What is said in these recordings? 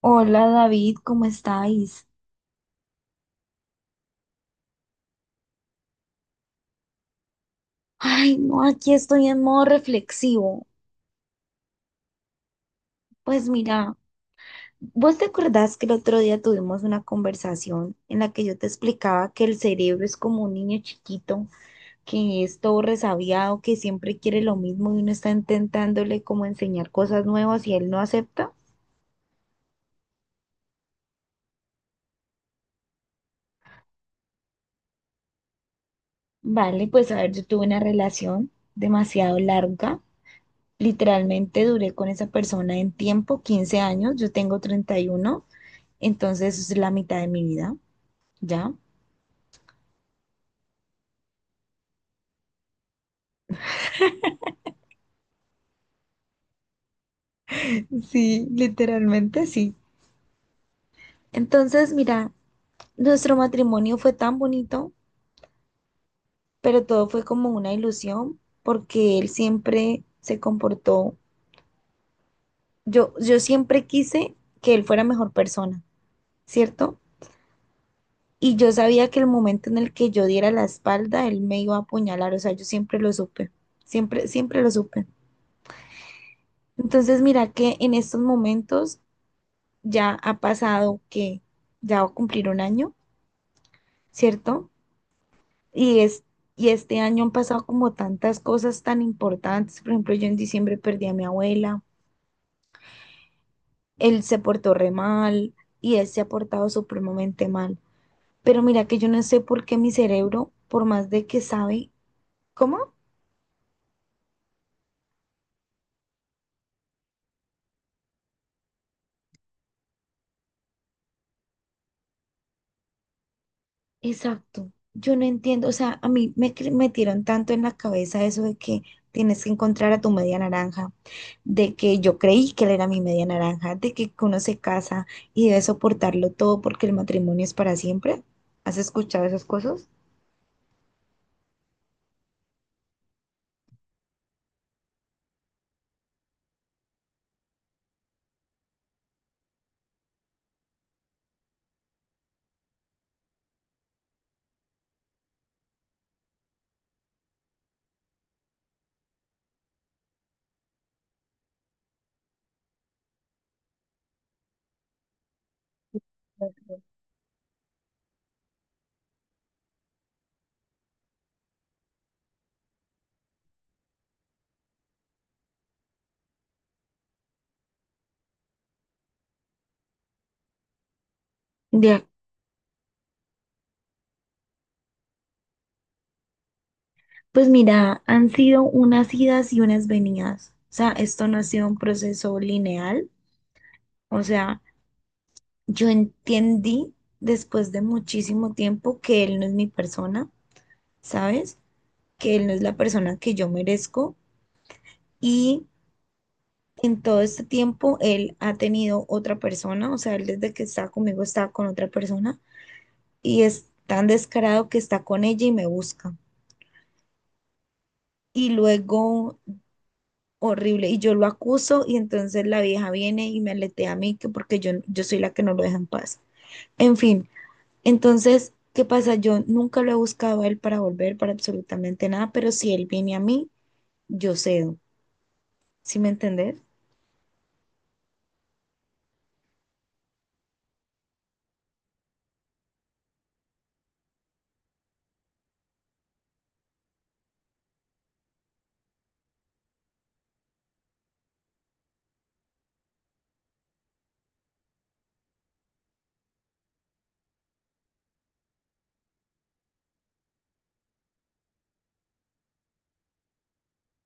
Hola David, ¿cómo estáis? Ay, no, aquí estoy en modo reflexivo. Pues mira, ¿vos te acordás que el otro día tuvimos una conversación en la que yo te explicaba que el cerebro es como un niño chiquito, que es todo resabiado, que siempre quiere lo mismo y uno está intentándole como enseñar cosas nuevas y él no acepta? Vale, pues a ver, yo tuve una relación demasiado larga. Literalmente duré con esa persona en tiempo, 15 años, yo tengo 31. Entonces es la mitad de mi vida, ¿ya? Sí, literalmente sí. Entonces, mira, nuestro matrimonio fue tan bonito, pero todo fue como una ilusión porque él siempre se comportó, yo siempre quise que él fuera mejor persona, ¿cierto? Y yo sabía que el momento en el que yo diera la espalda, él me iba a apuñalar, o sea, yo siempre lo supe, siempre, siempre lo supe. Entonces, mira que en estos momentos ya ha pasado que ya va a cumplir un año ¿cierto? Y es, y este año han pasado como tantas cosas tan importantes. Por ejemplo, yo en diciembre perdí a mi abuela, él se portó re mal y él se ha portado supremamente mal. Pero mira que yo no sé por qué mi cerebro, por más de que sabe, ¿cómo? Exacto. Yo no entiendo, o sea, a mí metieron tanto en la cabeza eso de que tienes que encontrar a tu media naranja, de que yo creí que él era mi media naranja, de que uno se casa y debe soportarlo todo porque el matrimonio es para siempre. ¿Has escuchado esas cosas? De, pues mira, han sido unas idas y unas venidas. O sea, esto no ha sido un proceso lineal. O sea, yo entendí después de muchísimo tiempo que él no es mi persona, ¿sabes? Que él no es la persona que yo merezco y en todo este tiempo él ha tenido otra persona, o sea, él desde que está conmigo está con otra persona y es tan descarado que está con ella y me busca. Y luego, horrible, y yo lo acuso y entonces la vieja viene y me aletea a mí que porque yo soy la que no lo deja en paz. En fin, entonces, ¿qué pasa? Yo nunca lo he buscado a él para volver, para absolutamente nada, pero si él viene a mí, yo cedo. ¿Sí me entendés?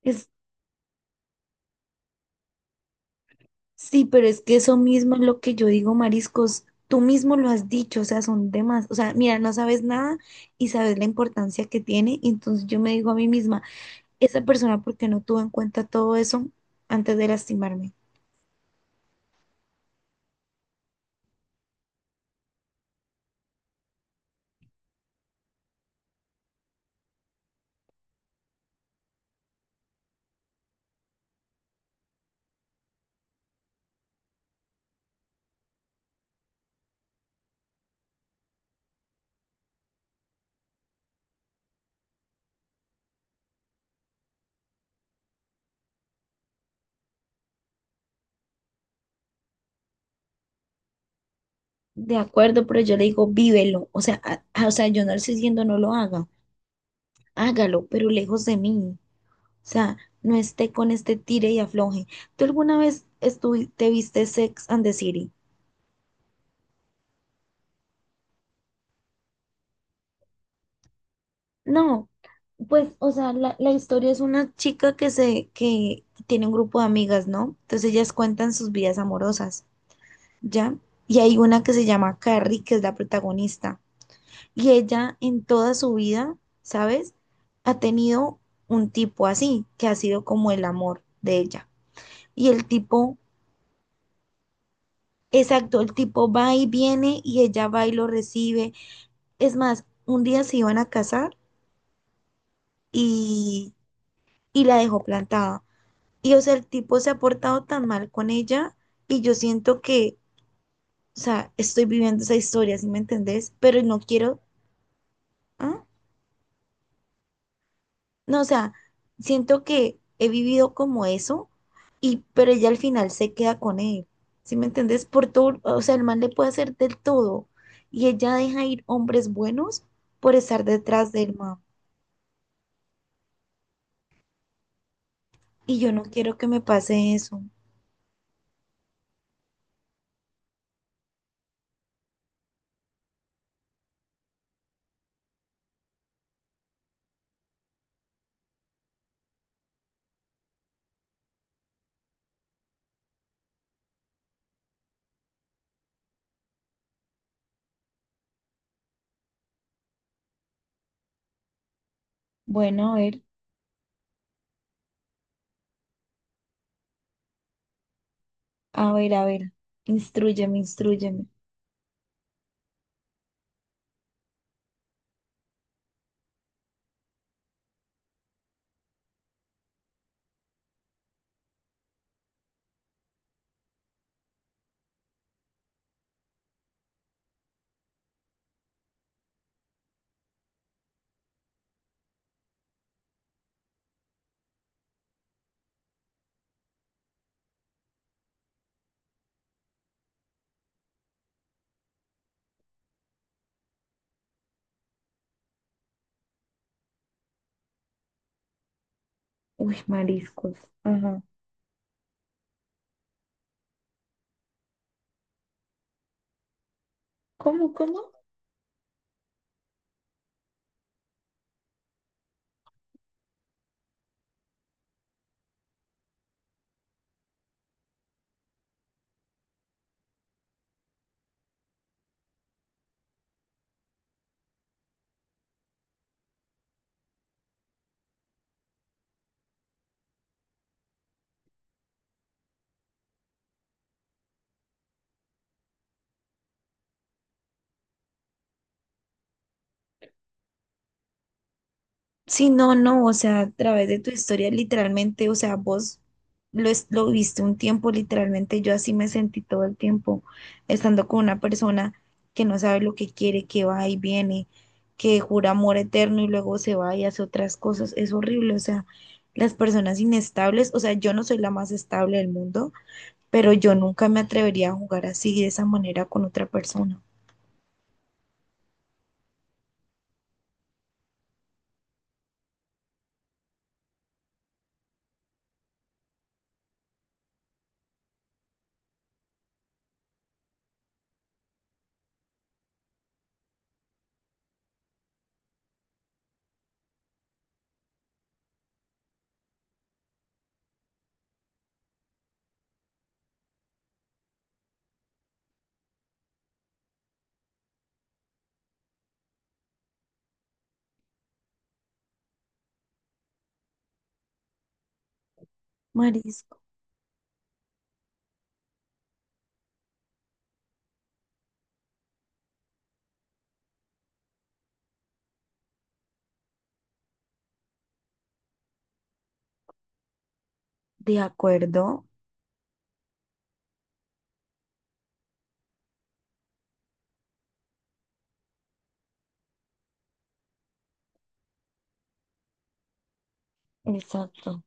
Es Sí, pero es que eso mismo es lo que yo digo, mariscos. Tú mismo lo has dicho, o sea, son demás. O sea, mira, no sabes nada y sabes la importancia que tiene. Y entonces yo me digo a mí misma, esa persona, ¿por qué no tuvo en cuenta todo eso antes de lastimarme? De acuerdo, pero yo le digo, vívelo. O sea, o sea, yo no le estoy diciendo no lo haga, hágalo, pero lejos de mí. O sea, no esté con este tire y afloje. ¿Tú alguna vez te viste Sex and the City? No, pues, o sea, la historia es una chica que se, que tiene un grupo de amigas, ¿no? Entonces ellas cuentan sus vidas amorosas, ¿ya? Y hay una que se llama Carrie, que es la protagonista. Y ella en toda su vida, ¿sabes? Ha tenido un tipo así, que ha sido como el amor de ella. Y el tipo, exacto, el tipo va y viene y ella va y lo recibe. Es más, un día se iban a casar y, y la dejó plantada. Y o sea, el tipo se ha portado tan mal con ella y yo siento que, o sea, estoy viviendo esa historia, ¿sí me entendés? Pero no quiero, ¿ah? No, o sea, siento que he vivido como eso y pero ella al final se queda con él, ¿sí me entendés? Por todo, o sea, el man le puede hacer del todo y ella deja ir hombres buenos por estar detrás del man. Y yo no quiero que me pase eso. Bueno, a ver, a ver, a ver. Instrúyeme, instrúyeme. Uy, mariscos. Ajá. ¿Cómo, cómo? Sí, no, no, o sea, a través de tu historia, literalmente, o sea, vos lo, lo viste un tiempo, literalmente, yo así me sentí todo el tiempo, estando con una persona que no sabe lo que quiere, que va y viene, que jura amor eterno y luego se va y hace otras cosas, es horrible, o sea, las personas inestables, o sea, yo no soy la más estable del mundo, pero yo nunca me atrevería a jugar así, de esa manera, con otra persona. Marisco, de acuerdo, exacto.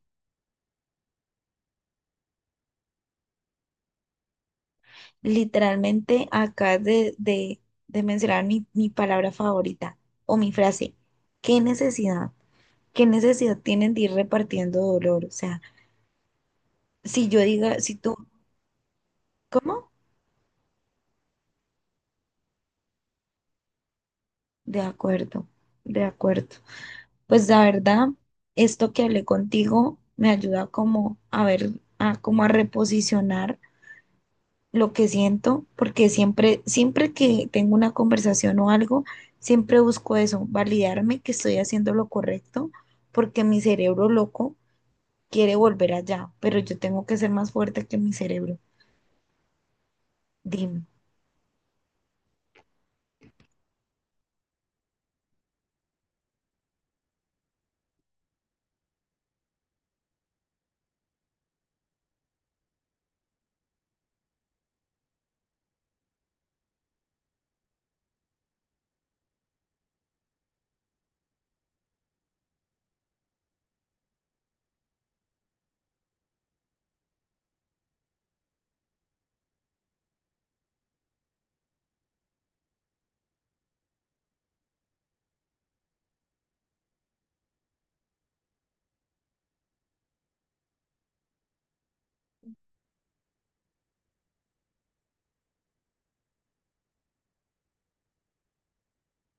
Literalmente acabas de mencionar mi palabra favorita o mi frase. ¿Qué necesidad? ¿Qué necesidad tienen de ir repartiendo dolor? O sea, si yo diga, si tú, ¿cómo? De acuerdo, de acuerdo. Pues la verdad, esto que hablé contigo me ayuda como a ver, a como a reposicionar lo que siento, porque siempre, siempre que tengo una conversación o algo, siempre busco eso, validarme que estoy haciendo lo correcto, porque mi cerebro loco quiere volver allá, pero yo tengo que ser más fuerte que mi cerebro. Dime.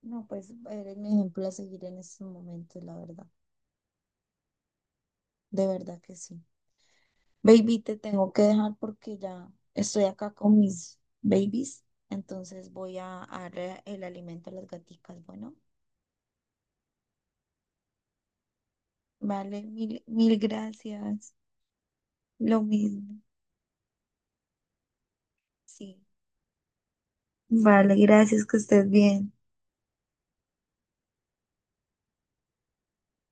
No, pues eres mi ejemplo a seguir en estos momentos, la verdad. De verdad que sí. Baby, te tengo que dejar porque ya estoy acá con mis babies. Entonces voy a darle el alimento a las gaticas. Bueno, vale, mil, mil gracias. Lo mismo, sí. Vale, gracias, que estés bien.